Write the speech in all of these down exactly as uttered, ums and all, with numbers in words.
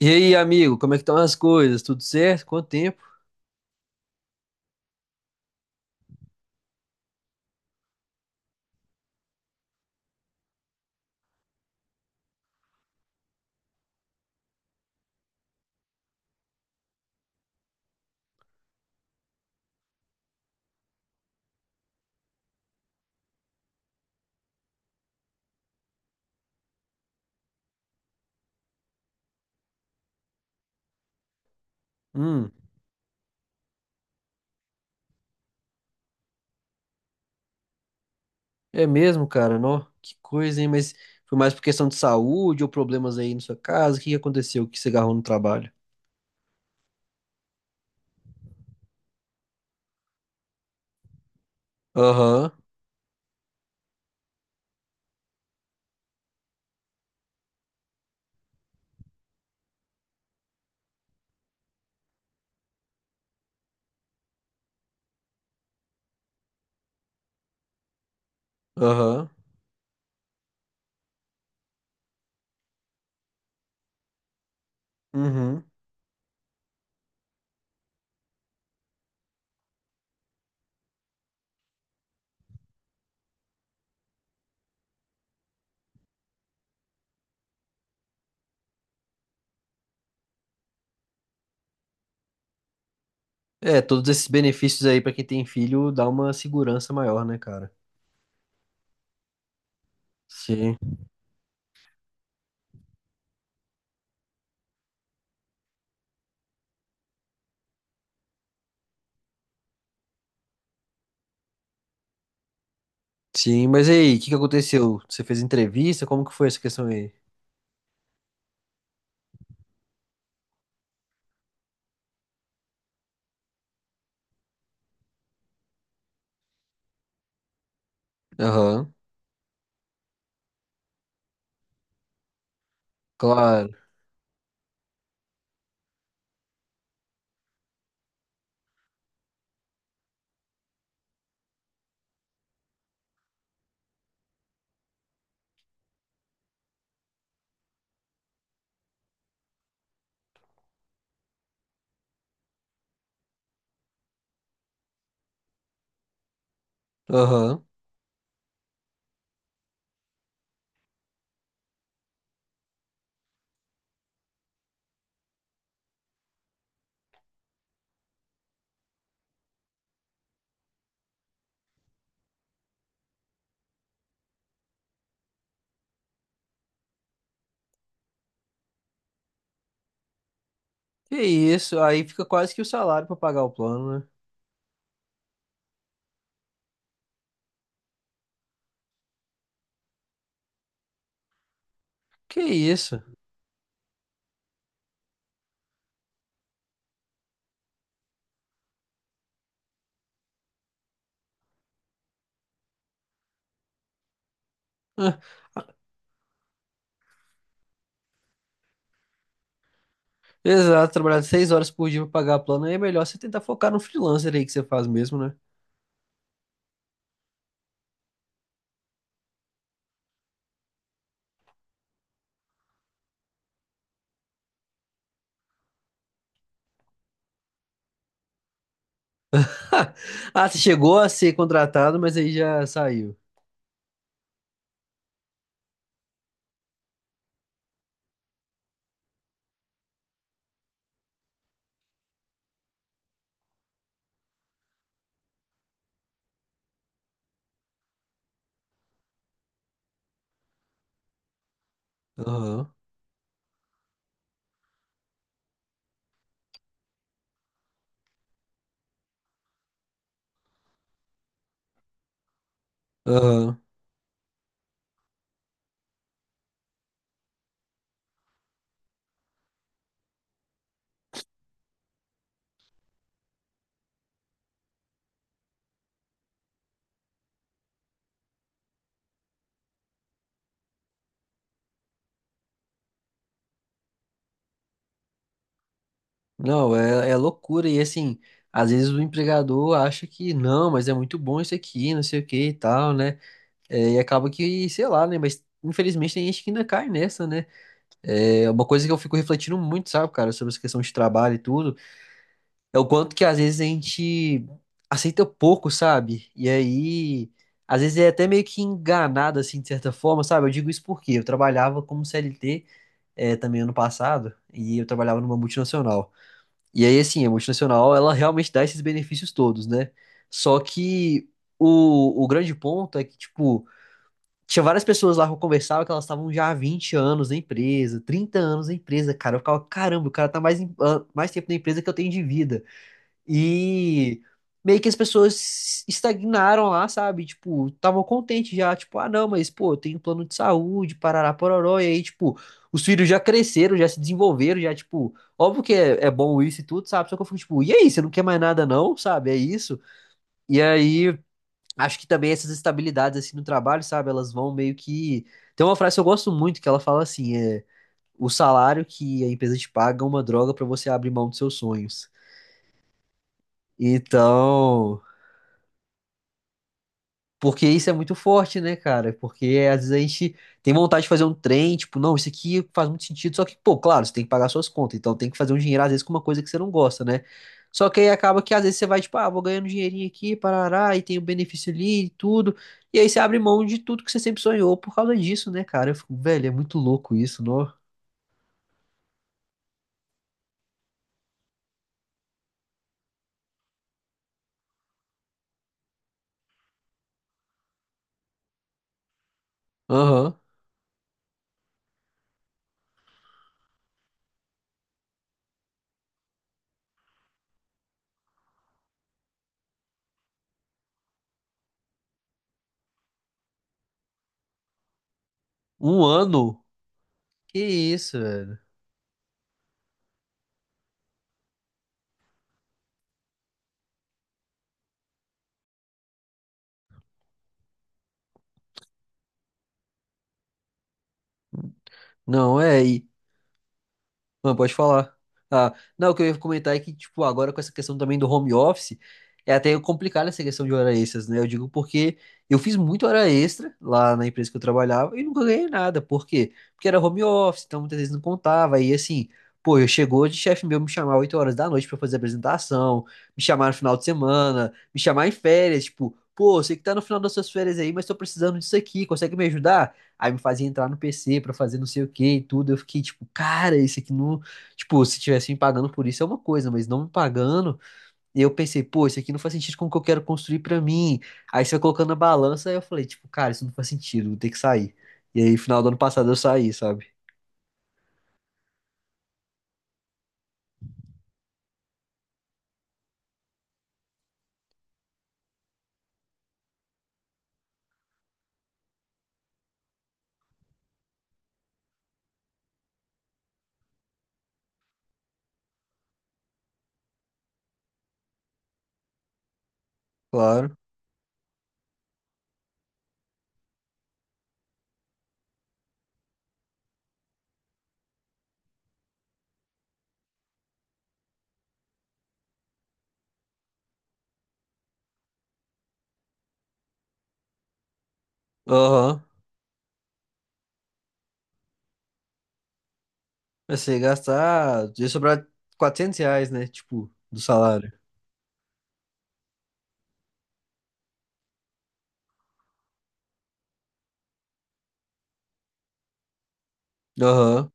E aí, amigo, como é que estão as coisas? Tudo certo? Quanto tempo? Hum, é mesmo, cara, não? Que coisa, hein? Mas foi mais por questão de saúde ou problemas aí na sua casa? O que que aconteceu? O que você agarrou no trabalho? Aham, aham, uhum. É, todos esses benefícios aí pra quem tem filho dá uma segurança maior, né, cara? Sim. Sim, mas e aí, o que que aconteceu? Você fez entrevista? Como que foi essa questão aí? Aham, claro. Aham. Que isso, aí fica quase que o salário pra pagar o plano, né? Que isso? Exato, trabalhar seis horas por dia pra pagar plano aí é melhor você tentar focar no freelancer aí que você faz mesmo, né? Ah, você chegou a ser contratado, mas aí já saiu. Aham, aham. Não, é, é loucura. E assim, às vezes o empregador acha que não, mas é muito bom isso aqui, não sei o que e tal, né? É, e acaba que, sei lá, né? Mas infelizmente tem gente que ainda cai nessa, né? É uma coisa que eu fico refletindo muito, sabe, cara, sobre essa questão de trabalho e tudo. É o quanto que às vezes a gente aceita pouco, sabe? E aí, às vezes é até meio que enganado, assim, de certa forma, sabe? Eu digo isso porque eu trabalhava como C L T, eh, também ano passado, e eu trabalhava numa multinacional. E aí, assim, a multinacional, ela realmente dá esses benefícios todos, né? Só que o, o grande ponto é que, tipo, tinha várias pessoas lá que eu conversava que elas estavam já há vinte anos na empresa, trinta anos na empresa, cara. Eu ficava, caramba, o cara tá mais, em- ah, mais tempo na empresa que eu tenho de vida. E meio que as pessoas estagnaram lá, sabe? Tipo, estavam contentes já, tipo, ah, não, mas pô, eu tenho plano de saúde, parará, pororó, e aí, tipo, os filhos já cresceram, já se desenvolveram, já, tipo, óbvio que é, é bom isso e tudo, sabe? Só que eu fico, tipo, e aí, você não quer mais nada, não, sabe? É isso. E aí, acho que também essas estabilidades, assim, no trabalho, sabe? Elas vão meio que. Tem uma frase que eu gosto muito que ela fala assim, é. O salário que a empresa te paga é uma droga pra você abrir mão dos seus sonhos. Então. Porque isso é muito forte, né, cara? Porque às vezes a gente tem vontade de fazer um trem, tipo, não, isso aqui faz muito sentido, só que, pô, claro, você tem que pagar suas contas, então tem que fazer um dinheiro, às vezes, com uma coisa que você não gosta, né? Só que aí acaba que às vezes você vai, tipo, ah, vou ganhando um dinheirinho aqui, parará, e tem o benefício ali e tudo, e aí você abre mão de tudo que você sempre sonhou por causa disso, né, cara? Eu fico, velho, é muito louco isso, não? Aham. Um ano? Que isso, velho? Não, é. E. Não, pode falar. Ah, não, o que eu ia comentar é que, tipo, agora com essa questão também do home office, é até complicado essa questão de hora extras, né? Eu digo porque eu fiz muita hora extra lá na empresa que eu trabalhava e nunca ganhei nada. Por quê? Porque era home office, então muitas vezes não contava. E assim, pô, eu chegou de chefe meu me chamar oito horas da noite pra fazer apresentação, me chamar no final de semana, me chamar em férias, tipo, pô, sei que tá no final das suas férias aí, mas tô precisando disso aqui, consegue me ajudar? Aí me fazia entrar no P C pra fazer não sei o que e tudo. Eu fiquei tipo, cara, isso aqui não. Tipo, se tivesse me pagando por isso é uma coisa, mas não me pagando. E eu pensei, pô, isso aqui não faz sentido com o que eu quero construir pra mim. Aí você vai colocando na balança, aí eu falei, tipo, cara, isso não faz sentido, vou ter que sair. E aí, final do ano passado eu saí, sabe? Claro. Aham. Eu sei gastar. Ia sobrar quatrocentos reais, né? Tipo, do salário. Aham.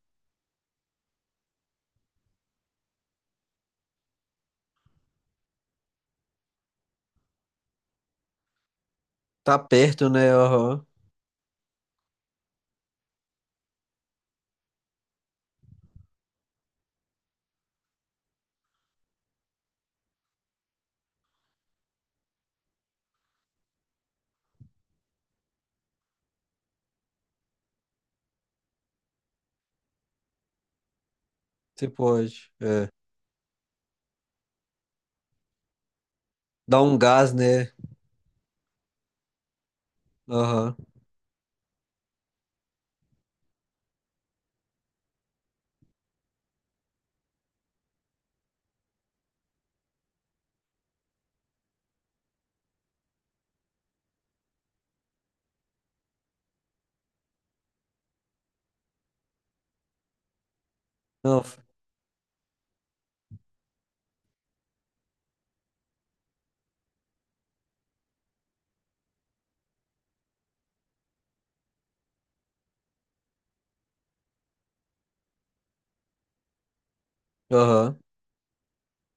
Tá perto, né? Aham. Você pode. É. Dá um gás, né? Aham. Não. Aham.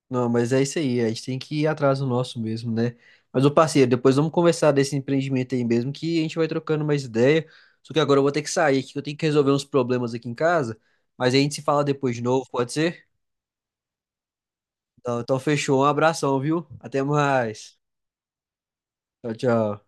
Não, mas é isso aí, a gente tem que ir atrás do nosso mesmo, né? Mas, ô parceiro, depois vamos conversar desse empreendimento aí mesmo, que a gente vai trocando mais ideia. Só que agora eu vou ter que sair, que eu tenho que resolver uns problemas aqui em casa. Mas a gente se fala depois de novo, pode ser? Então, então fechou, um abração, viu? Até mais. Tchau, tchau.